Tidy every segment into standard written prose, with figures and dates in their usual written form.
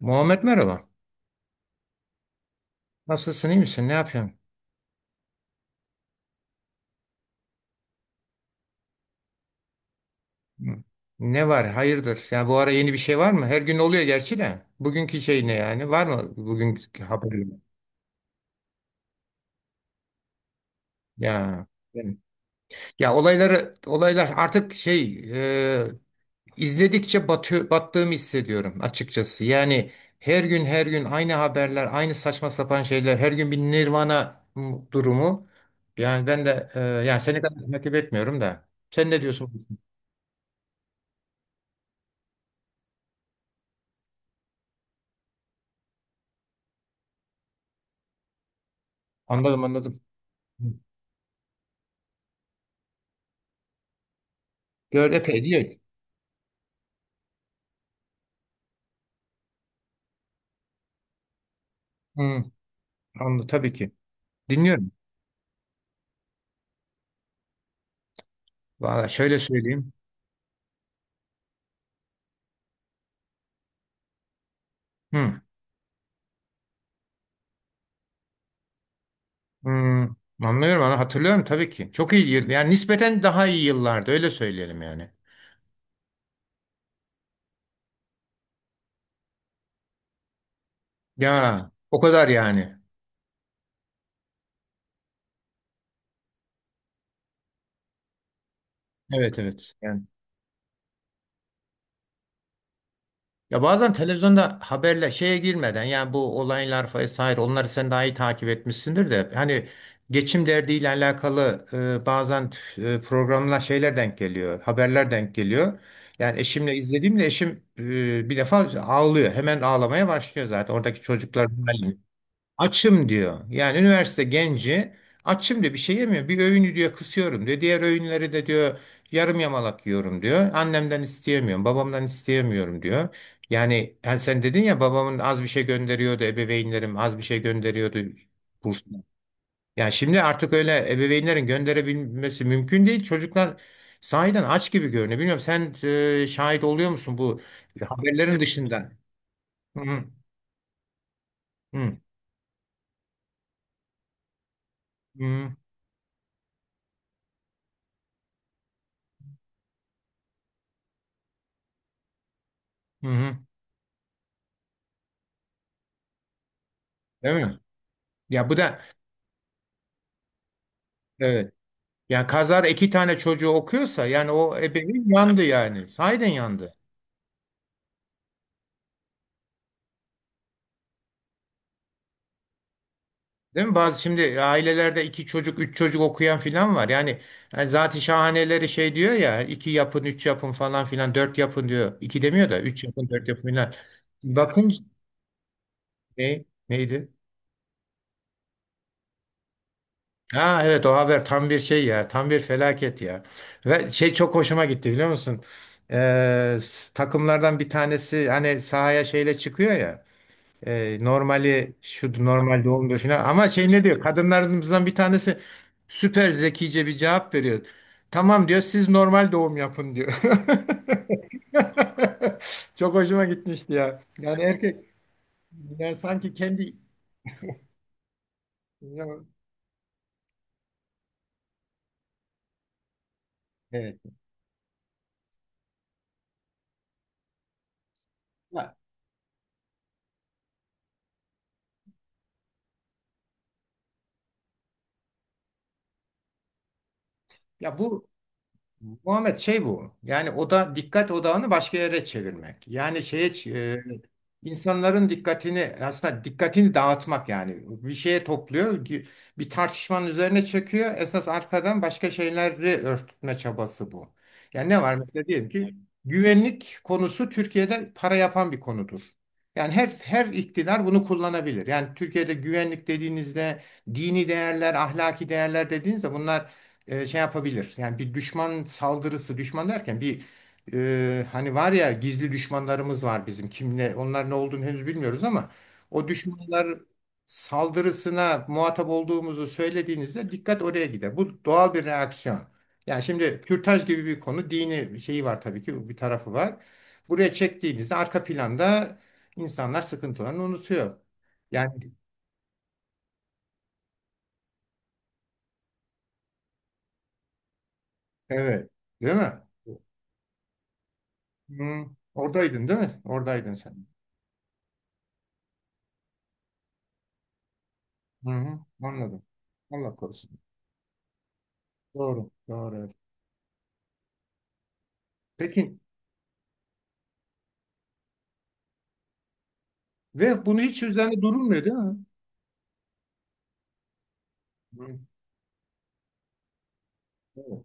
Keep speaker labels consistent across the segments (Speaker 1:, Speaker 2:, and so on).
Speaker 1: Muhammed merhaba. Nasılsın, iyi misin? Ne yapıyorsun? Hı. Ne var? Hayırdır? Ya bu ara yeni bir şey var mı? Her gün oluyor gerçi de. Bugünkü şey ne yani? Var mı bugünkü haber? Ya yani- ya olaylar artık şey e, izledikçe batıyor, battığımı hissediyorum açıkçası. Yani her gün her gün aynı haberler, aynı saçma sapan şeyler, her gün bir Nirvana durumu. Yani ben de yani seni kadar takip etmiyorum da. Sen ne diyorsun? Anladım, anladım. Gör epey diyor. Hı, anlı tabii ki. Dinliyorum. Valla şöyle söyleyeyim. Hı, hı, anlıyorum ama hatırlıyorum tabii ki. Çok iyi yıl. Yani nispeten daha iyi yıllardı öyle söyleyelim yani. Ya o kadar yani. Evet, evet. Yani, ya bazen televizyonda haberle şeye girmeden yani bu olaylar vesaire onları sen daha iyi takip etmişsindir de hani geçim derdiyle alakalı bazen programlar şeyler denk geliyor, haberler denk geliyor. Yani eşimle izlediğimde eşim bir defa ağlıyor. Hemen ağlamaya başlıyor zaten. Oradaki çocuklar açım diyor. Yani üniversite genci açım diyor, bir şey yemiyor. Bir öğünü diyor kısıyorum diyor. Diğer öğünleri de diyor yarım yamalak yiyorum diyor. Annemden isteyemiyorum, babamdan isteyemiyorum diyor. Yani, yani sen dedin ya babamın az bir şey gönderiyordu, ebeveynlerim az bir şey gönderiyordu kursuna. Yani şimdi artık öyle ebeveynlerin gönderebilmesi mümkün değil. Çocuklar sahiden aç gibi görünüyor. Bilmiyorum sen şahit oluyor musun bu haberlerin dışında? Hı hı, hı hı. Hı hı. Değil mi? Ya bu da, evet. Yani kazar iki tane çocuğu okuyorsa yani o ebeveyn yandı yani. Sahiden yandı. Değil mi? Bazı şimdi ailelerde iki çocuk, üç çocuk okuyan filan var. Yani, yani zat-ı şahaneleri şey diyor ya iki yapın, üç yapın falan filan, dört yapın diyor. İki demiyor da üç yapın, dört yapın filan. Bakın neydi? Ha evet, o haber tam bir şey ya. Tam bir felaket ya. Ve şey çok hoşuma gitti biliyor musun? Takımlardan bir tanesi hani sahaya şeyle çıkıyor ya. Normali şu normal doğumdur falan. Ama şey ne diyor? Kadınlarımızdan bir tanesi süper zekice bir cevap veriyor. Tamam diyor siz normal doğum yapın diyor. Çok hoşuma gitmişti ya. Yani erkek yani sanki kendi ya, evet. Ya, ya bu Muhammed şey bu. Yani o da dikkat odağını başka yere çevirmek. Yani şeye e, İnsanların dikkatini aslında dikkatini dağıtmak yani bir şeye topluyor bir tartışmanın üzerine çekiyor esas arkadan başka şeyleri örtme çabası bu. Yani ne var mesela diyelim ki güvenlik konusu Türkiye'de para yapan bir konudur. Yani her iktidar bunu kullanabilir. Yani Türkiye'de güvenlik dediğinizde dini değerler, ahlaki değerler dediğinizde bunlar şey yapabilir. Yani bir düşman saldırısı, düşman derken bir hani var ya gizli düşmanlarımız var bizim. Kimle onlar ne olduğunu henüz bilmiyoruz ama o düşmanlar saldırısına muhatap olduğumuzu söylediğinizde dikkat oraya gider. Bu doğal bir reaksiyon. Yani şimdi kürtaj gibi bir konu dini şeyi var tabii ki bir tarafı var. Buraya çektiğinizde arka planda insanlar sıkıntılarını unutuyor. Yani evet, değil mi? Hı, oradaydın değil mi? Oradaydın sen. Hı hı, anladım. Allah korusun. Doğru, doğru. Evet. Peki. Ve bunu hiç üzerinde durulmuyor değil mi? Hı. Evet.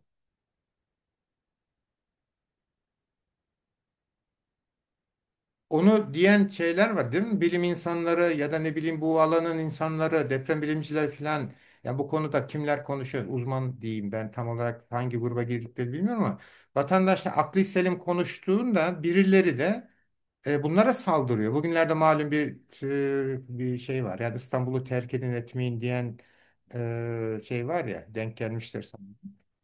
Speaker 1: Onu diyen şeyler var değil mi? Bilim insanları ya da ne bileyim bu alanın insanları, deprem bilimciler falan. Yani bu konuda kimler konuşuyor? Uzman diyeyim ben tam olarak hangi gruba girdikleri bilmiyorum ama vatandaşla akli selim konuştuğunda birileri de bunlara saldırıyor. Bugünlerde malum bir şey var. Yani İstanbul'u terk edin etmeyin diyen şey var ya denk gelmiştir sana.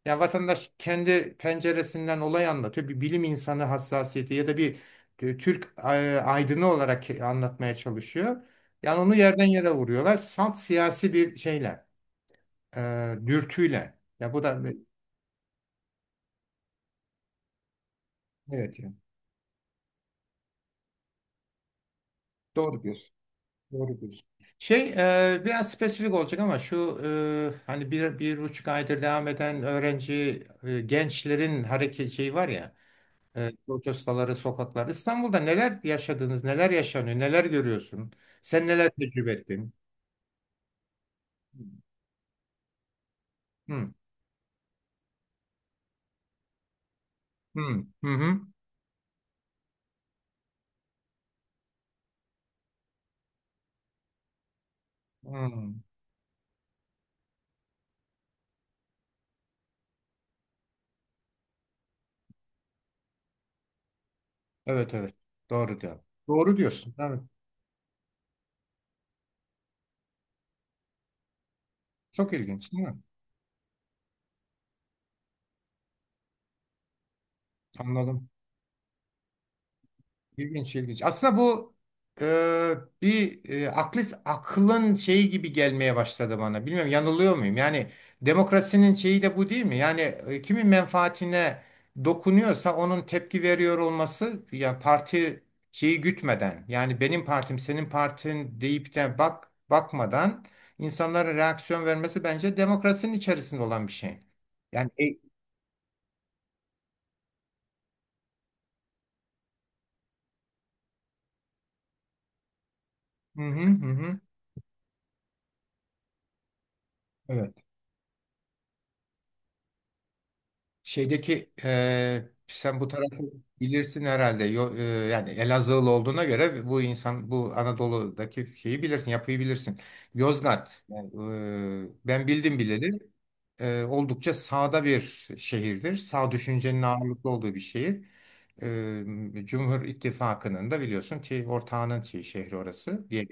Speaker 1: Yani vatandaş kendi penceresinden olay anlatıyor. Bir bilim insanı hassasiyeti ya da bir Türk aydını olarak anlatmaya çalışıyor. Yani onu yerden yere vuruyorlar. Salt siyasi bir şeyle, e, dürtüyle. Ya bu da evet yani. Doğru diyorsun. Doğru diyorsun. Şey biraz spesifik olacak ama şu hani bir, 1,5 aydır devam eden öğrenci gençlerin hareket şeyi var ya. Evet, protestoları, sokaklar. İstanbul'da neler yaşadınız, neler yaşanıyor, neler görüyorsun? Sen neler tecrübe ettin? Hı, hı, hı, hı. Hı. Evet, evet. Doğru diyor. Doğru diyorsun. Evet. Çok ilginç, değil mi? Anladım. İlginç, ilginç. Aslında bu e, bir aklın şeyi gibi gelmeye başladı bana. Bilmiyorum, yanılıyor muyum? Yani demokrasinin şeyi de bu değil mi? Yani kimin menfaatine dokunuyorsa onun tepki veriyor olması yani parti şeyi gütmeden yani benim partim senin partin deyip de bak bakmadan insanların reaksiyon vermesi bence demokrasinin içerisinde olan bir şey. Yani hı hı hı. Hı. Evet. Şeydeki sen bu tarafı bilirsin herhalde. Yani Elazığlı olduğuna göre bu insan bu Anadolu'daki şeyi bilirsin, yapıyı bilirsin. Yozgat. Yani, ben bildim bileli. Oldukça sağda bir şehirdir. Sağ düşüncenin ağırlıklı olduğu bir şehir. Cumhur İttifakı'nın da biliyorsun ki ortağının şey, şehri orası diye.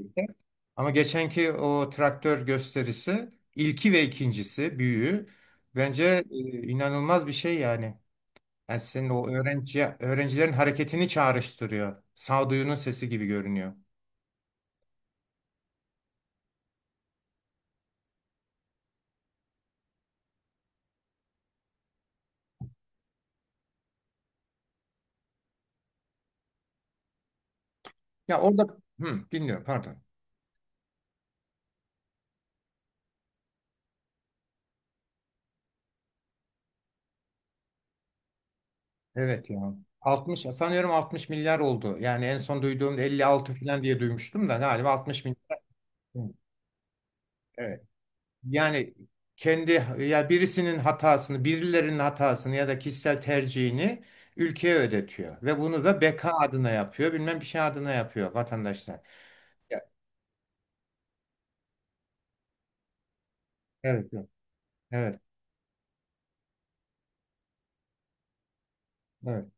Speaker 1: Ama geçenki o traktör gösterisi ilki ve ikincisi büyüğü bence e, inanılmaz bir şey yani. Yani senin o öğrenci öğrencilerin hareketini çağrıştırıyor. Sağduyunun sesi gibi görünüyor. Ya orada, hı, dinliyorum pardon. Evet ya. 60 sanıyorum, 60 milyar oldu. Yani en son duyduğumda 56 falan diye duymuştum da galiba 60 milyar. Hı. Evet. Yani kendi ya birisinin hatasını, birilerinin hatasını ya da kişisel tercihini ülkeye ödetiyor ve bunu da beka adına yapıyor, bilmem bir şey adına yapıyor vatandaşlar. Ya, evet, evet, evet, evet.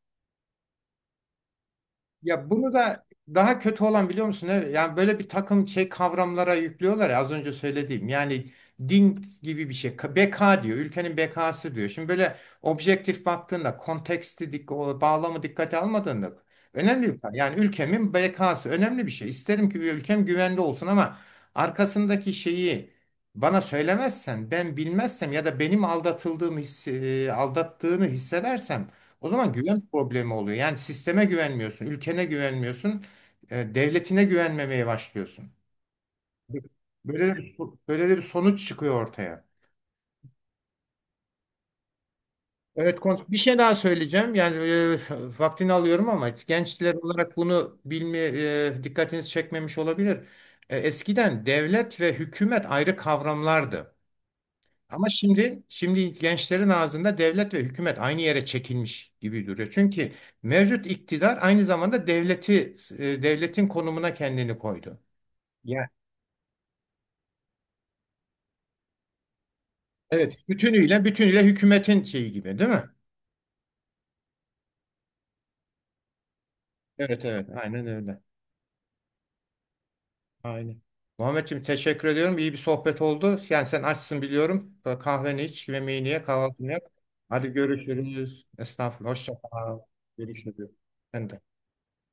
Speaker 1: Ya bunu da daha kötü olan biliyor musun? Evet. Yani böyle bir takım şey kavramlara yüklüyorlar ya az önce söylediğim. Yani din gibi bir şey. Beka diyor. Ülkenin bekası diyor. Şimdi böyle objektif baktığında konteksti, o bağlamı dikkate almadığında yani ülkemin bekası önemli bir şey. İsterim ki bir ülkem güvende olsun ama arkasındaki şeyi bana söylemezsen, ben bilmezsem ya da benim aldatıldığım hissi, aldattığını hissedersem o zaman güven problemi oluyor. Yani sisteme güvenmiyorsun, ülkene güvenmiyorsun, devletine güvenmemeye başlıyorsun. Böyle de bir, böyle de bir sonuç çıkıyor ortaya. Evet, bir şey daha söyleyeceğim. Yani vaktini alıyorum ama gençler olarak bunu bilme dikkatiniz çekmemiş olabilir. Eskiden devlet ve hükümet ayrı kavramlardı. Ama şimdi gençlerin ağzında devlet ve hükümet aynı yere çekilmiş gibi duruyor. Çünkü mevcut iktidar aynı zamanda devletin konumuna kendini koydu. Ya evet. Bütünüyle bütünüyle hükümetin şeyi gibi değil mi? Evet, evet, evet. Aynen öyle. Aynen. Muhammedciğim teşekkür ediyorum. İyi bir sohbet oldu. Yani sen açsın biliyorum. Kahveni iç, yemeğini ye, kahvaltını yap. Hadi görüşürüz. Estağfurullah. Hoşça kal. Görüşürüz. Ben de.